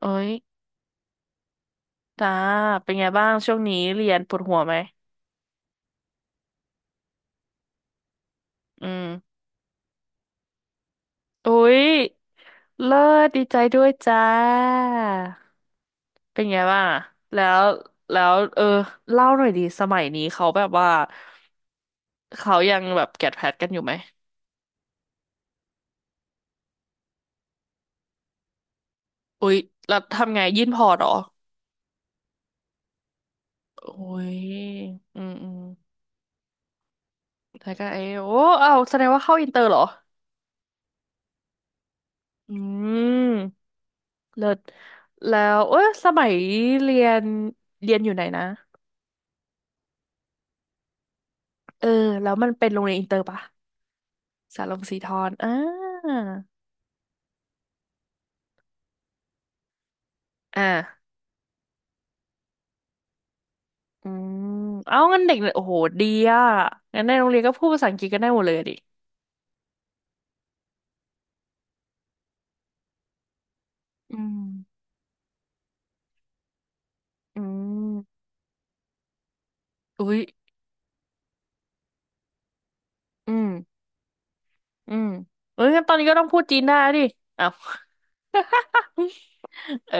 เอ้ยจ้าเป็นไงบ้างช่วงนี้เรียนปวดหัวไหมอืมอุ้ยเลิศดีใจด้วยจ้าเป็นไงบ้างอะแล้วแล้วเออเล่าหน่อยดีสมัยนี้เขาแบบว่าเขายังแบบแกดแพดกันอยู่ไหมอุ้ยแล้วทำไงยื่นพอร์ตเหรอโอ้ยอืมแล้วก็เออโอ้เอาวแสดงว่าเข้าอินเตอร์เหรออืมเลิศแล้วเอ้ยสมัยเรียนเรียนอยู่ไหนนะ เออแล้วมันเป็นโรงเรียนอินเตอร์ปะสาลงสีทอนอ่าอ่าอืมเอางั้นเด็กเนี่ยโอ้โหดีอ่ะงั้นในโรงเรียนก็พูดภาษาอังกฤษกันได้หมดเลยอะดิอืมอืมอุ้ยอืมอืมเอ้ยงั้นตอนนี้ก็ต้องพูดจีนได้ดิอ้าว เออ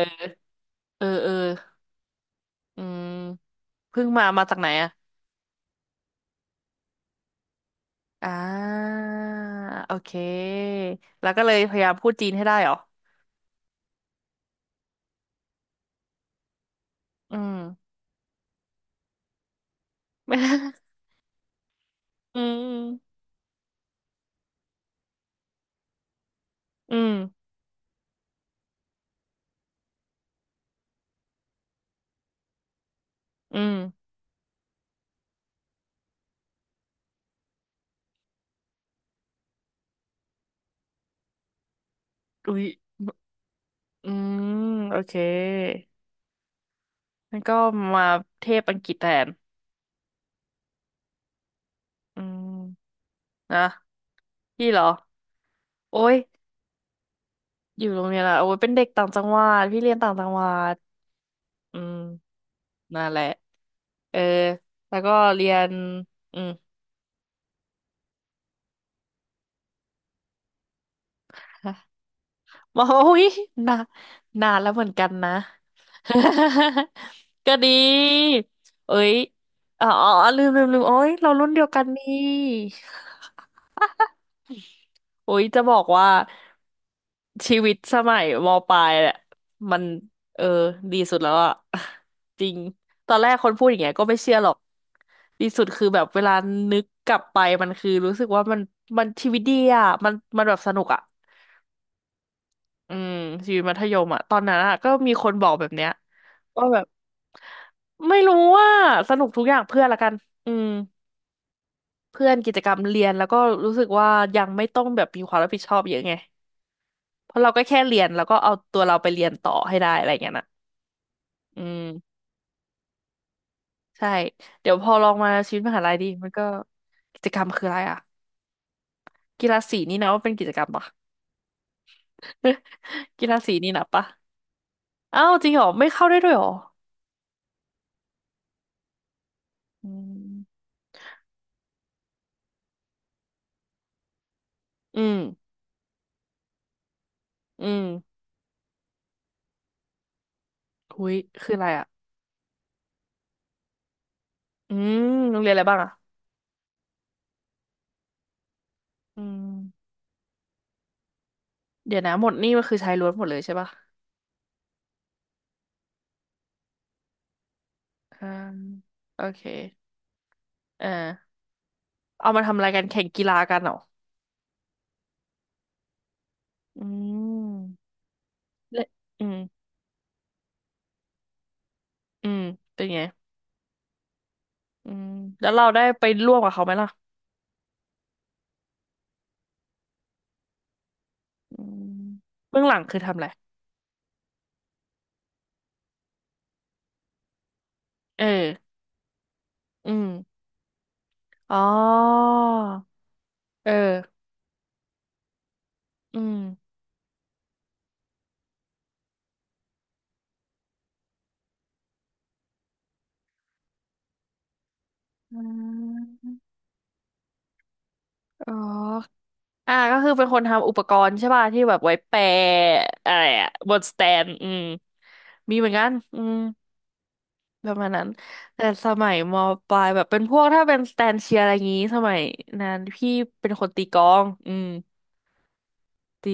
เอออืมเพิ่งมาจากไหนอะอ่าโอเคแล้วก็เลยพยายามพูดจีนให้ได้เหรออืม ไม่ได้อืม อืมอืมอุ้ย อืมโอเคงั้นก็มาเทพอังกฤษแทนอืมนะพี่เหรอโอ้ยอยู่โรงเรียนอะโอ้ยเป็นเด็กต่างจังหวัดพี่เรียนต่างจังหวัดอืมนั่นแหละเออแล้วก็เรียนอืม ฮะโอ้ยนานนานแล้วเหมือนกันนะ ก็ดีเอ้ยอ๋อลืมโอ้ยเรารุ่นเดียวกันนี่ โอ้ยจะบอกว่าชีวิตสมัยมปลายแหละมันเออดีสุดแล้วอะ จริงตอนแรกคนพูดอย่างเงี้ยก็ไม่เชื่อหรอกดีสุดคือแบบเวลานึกกลับไปมันคือรู้สึกว่ามันชีวิตดีอะมันแบบสนุกอะอืมชีวิตมัธยมอะตอนนั้นอะก็มีคนบอกแบบเนี้ยว่าแบบไม่รู้ว่าสนุกทุกอย่างเพื่อนละกันอืมเพื่อนกิจกรรมเรียนแล้วก็รู้สึกว่ายังไม่ต้องแบบมีความรับผิดชอบเยอะไง เพราะเราก็แค่เรียนแล้วก็เอาตัวเราไปเรียนต่อให้ได้อะไรอย่างเงี้ยนะอืมใช่เดี๋ยวพอลองมาชีวิตมหาลัยดีมันก็กิจกรรมคืออะไรอ่ะกีฬาสีนี่นะว่าเป็นกิจกรรมปะ กีฬาสีนี่นะปะอ้าวจริงเหรอไม่เข้าได้ด้วยเหรออืมอืมอืมหุยคืออะไรอ่ะอืมโรงเรียนอะไรบ้างอ่ะอืมเดี๋ยวนะหมดนี่มันคือชายล้วนหมดเลยใช่ปะอ่าโอเคเออเอามาทำอะไรกันแข่งกีฬากันเหรออืมและอืมอืมเป็นไง อืมแล้วเราได้ไปร่วมกับเขาไหมล่ะอืมเบื้องหลังคือทำอะไรเอออืมอ๋อเอออืมอืมอ๋ออ่าก็คือเป็นคนทำอุปกรณ์ใช่ป่ะที่แบบไว้แปะอะไรอะบนสแตนอืมมีเหมือนกันอืมประมาณนั้น แต่สมัยมปลายแบบเป็นพวกถ้าเป็นสแตนเชียร์อะไรงี้สมัยนั้นพี่เป็นคนตีกลองอืมตี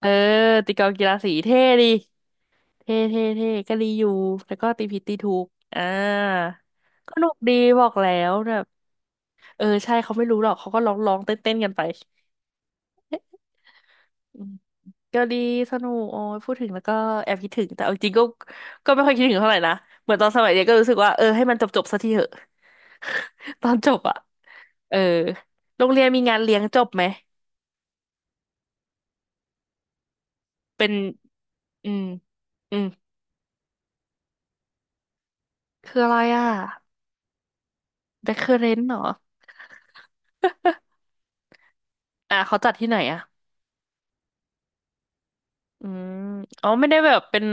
เออตีกลองกีฬาสีเท่ดี เท่ก็รีอยู่แล้วก็ตีผิดตีถูกอ่าก็หนุกดีบอกแล้วแบบเออใช่เขาไม่รู้หรอกเขาก็ร้องเต้นกันไป อืมก็ดีสนุกโอ้ยพูดถึงแล้วก็แอบคิดถึงแต่เอาจริงก็ก็ไม่ค่อยคิดถึงเท่าไหร่นะเหมือนตอนสมัยเรียนก็รู้สึกว่าเออให้มันจบสักทีเถอะ ตอนจบอะเออโรงเรียนมีงานเลี้ยงจบไหมเป็นอืมอืมคืออะไรอ่ะแบคเคอเรนเหรออ่ะเขาจัดที่ไหนอ่ะ อืมอ๋อไม่ได้แบบเป็น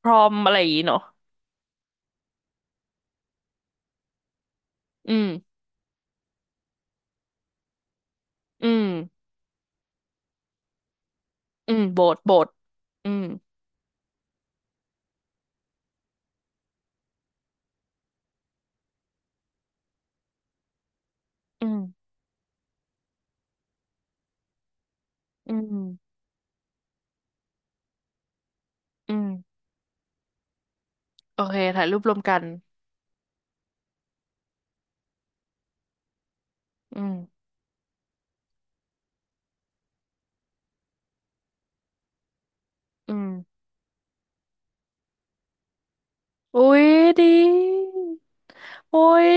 พรอมอะไรอย่างงี้เนาะอืมอืมอืมโบสถ์อืมอืมอืมอืมโอเคถ่ายรูปรวมกันอืมอืมอุ้ยดีโอ้ย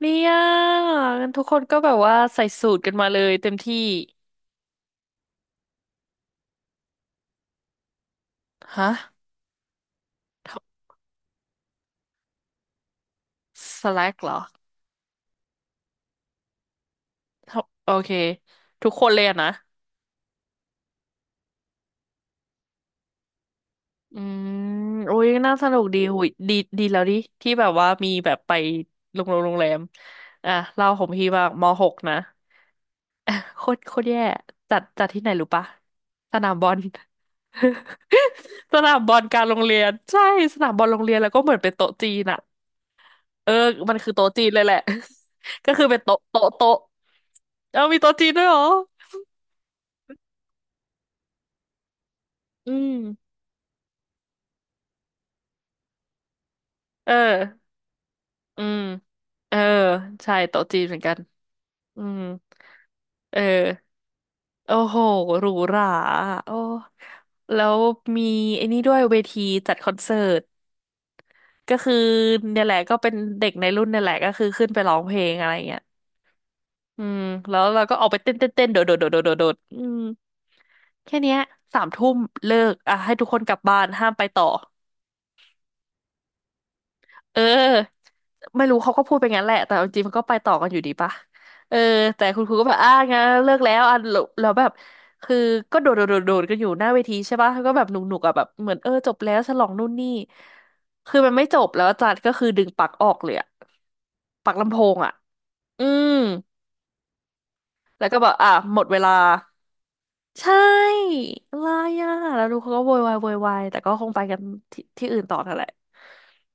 เนี่ยงั้นทุกคนก็แบบว่าใส่สูทกันมาเลยเต็มที่ฮะทำสแลกเหรอทำโอเคทุกคนเลยอะนะ อืมโอุ้ยน่าสนุกดีหุยดีดีแล้วดิที่แบบว่ามีแบบไปโรงแรมอ่ะเล่าของพี่บ้างมหกนะ อ่ะโคตรแย่จัดที่ไหนรู้ปะสนามบอล สนามบอลกลางโรงเรียนใช่สนามบอลโรงเรียนแล้วก็เหมือนเป็นโต๊ะจีนอะเออมันคือโต๊ะจีนเลยแหละ ก็คือเป็นโต๊ะเอามีโต๊ะจีนด้วยเหรออืมเอออืมเออใช่โต๊ะจีนเหมือนกันอืมเออ โอ้โหหรูหราโอ้แล้วมีไอ้นี่ด้วยเวทีจัดคอนเสิร์ตก็คือเนี่ยแหละก็เป็นเด็กในรุ่นเนี่ยแหละก็คือขึ้นไปร้องเพลงอะไรเงี้ยอืมแล้วเราก็ออกไปเต้นโดดอืมแค่เนี้ยสามทุ่มเลิกอ่ะให้ทุกคนกลับบ้านห้ามไปต่อ เออไม่รู้เขาก็พูดไปงั้นแหละแต่เอาจริงมันก็ไปต่อกันอยู่ดีป่ะเออแต่คุณครูก็แบบอ่างั้นเลิกแล้วอ่ะแล้วแบบคือก็โดดกันอยู่หน้าเวทีใช่ป่ะก็แบบหนุกอ่ะแบบเหมือนเออจบแล้วฉลองนู่นนี่คือมันไม่จบแล้วอาจารย์ก็คือดึงปลั๊กออกเลยอะปลั๊กลำโพงอ่ะอืมแล้วก็แบบอ่ะหมดเวลาใช่อะไรอ่ะแล้วดูเขาก็โวยวายแต่ก็คงไปกันที่อื่นต่อนั่นแหละ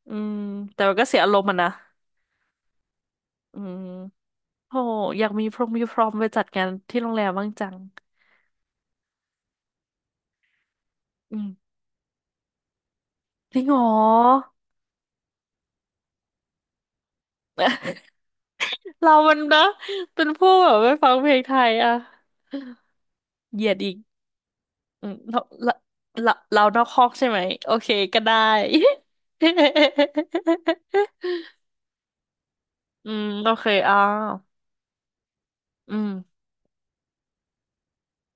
อืมแต่มันก็เสียอารมณ์มันนะอืม โหอยากมีพรงมีพรอมไปจัดงานที่โรงแรมบ้างจังอืมจริงเหรอเรามันนะเป็นผู้แบบไม่ฟังเพลงไทยอะเหยียดอีกอืมเราเรานอกคอกใช่ไหมโอเคก็ได้ อืมโอเคอ่าอืม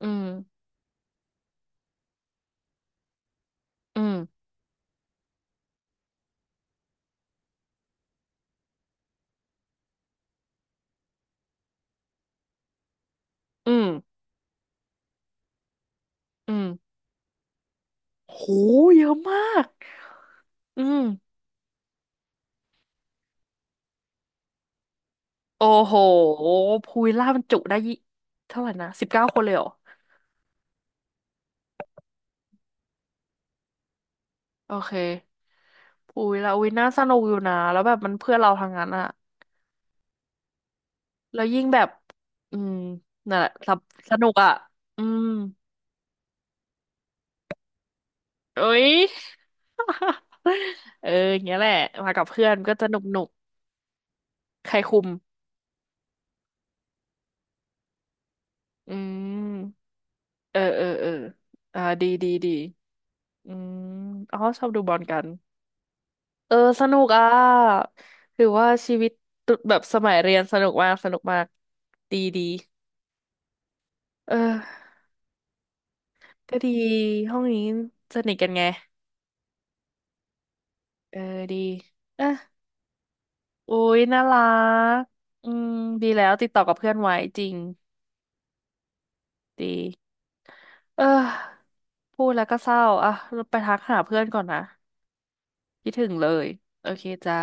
อืมอืมอืมอืมโหเยอะมากอืมโอ้โหพูวิลล่ามันจุได้ยี่เท่าไหร่นะ19คนเลยเหรอโอเค อุ้ยแล้วอุ้ยน่าสนุกอยู่นะแล้วแบบมันเพื่อนเราทางนั้นอะแล้วยิ่งแบบอืมนั่นแหละสบสนุกอะอืมเอ้ย เอออย่างเงี้ยแหละมากับเพื่อนก็จะนุกหนุกใครคุมอืมเอออ่าดีอืมอ๋อชอบดูบอลกันเออสนุกอ่ะถือว่าชีวิตตุแบบสมัยเรียนสนุกมากดีดีเออก็ดีห้องนี้สนิทกันไง เออดีอ่ะอุ๊ยน่ารักอืมดีแล้วติดต่อกับเพื่อนไว้จริงดีเออพูดแล้วก็เศร้าอ่ะเราไปทักหาเพื่อนก่อนนะคิดถึงเลยโอเคจ้า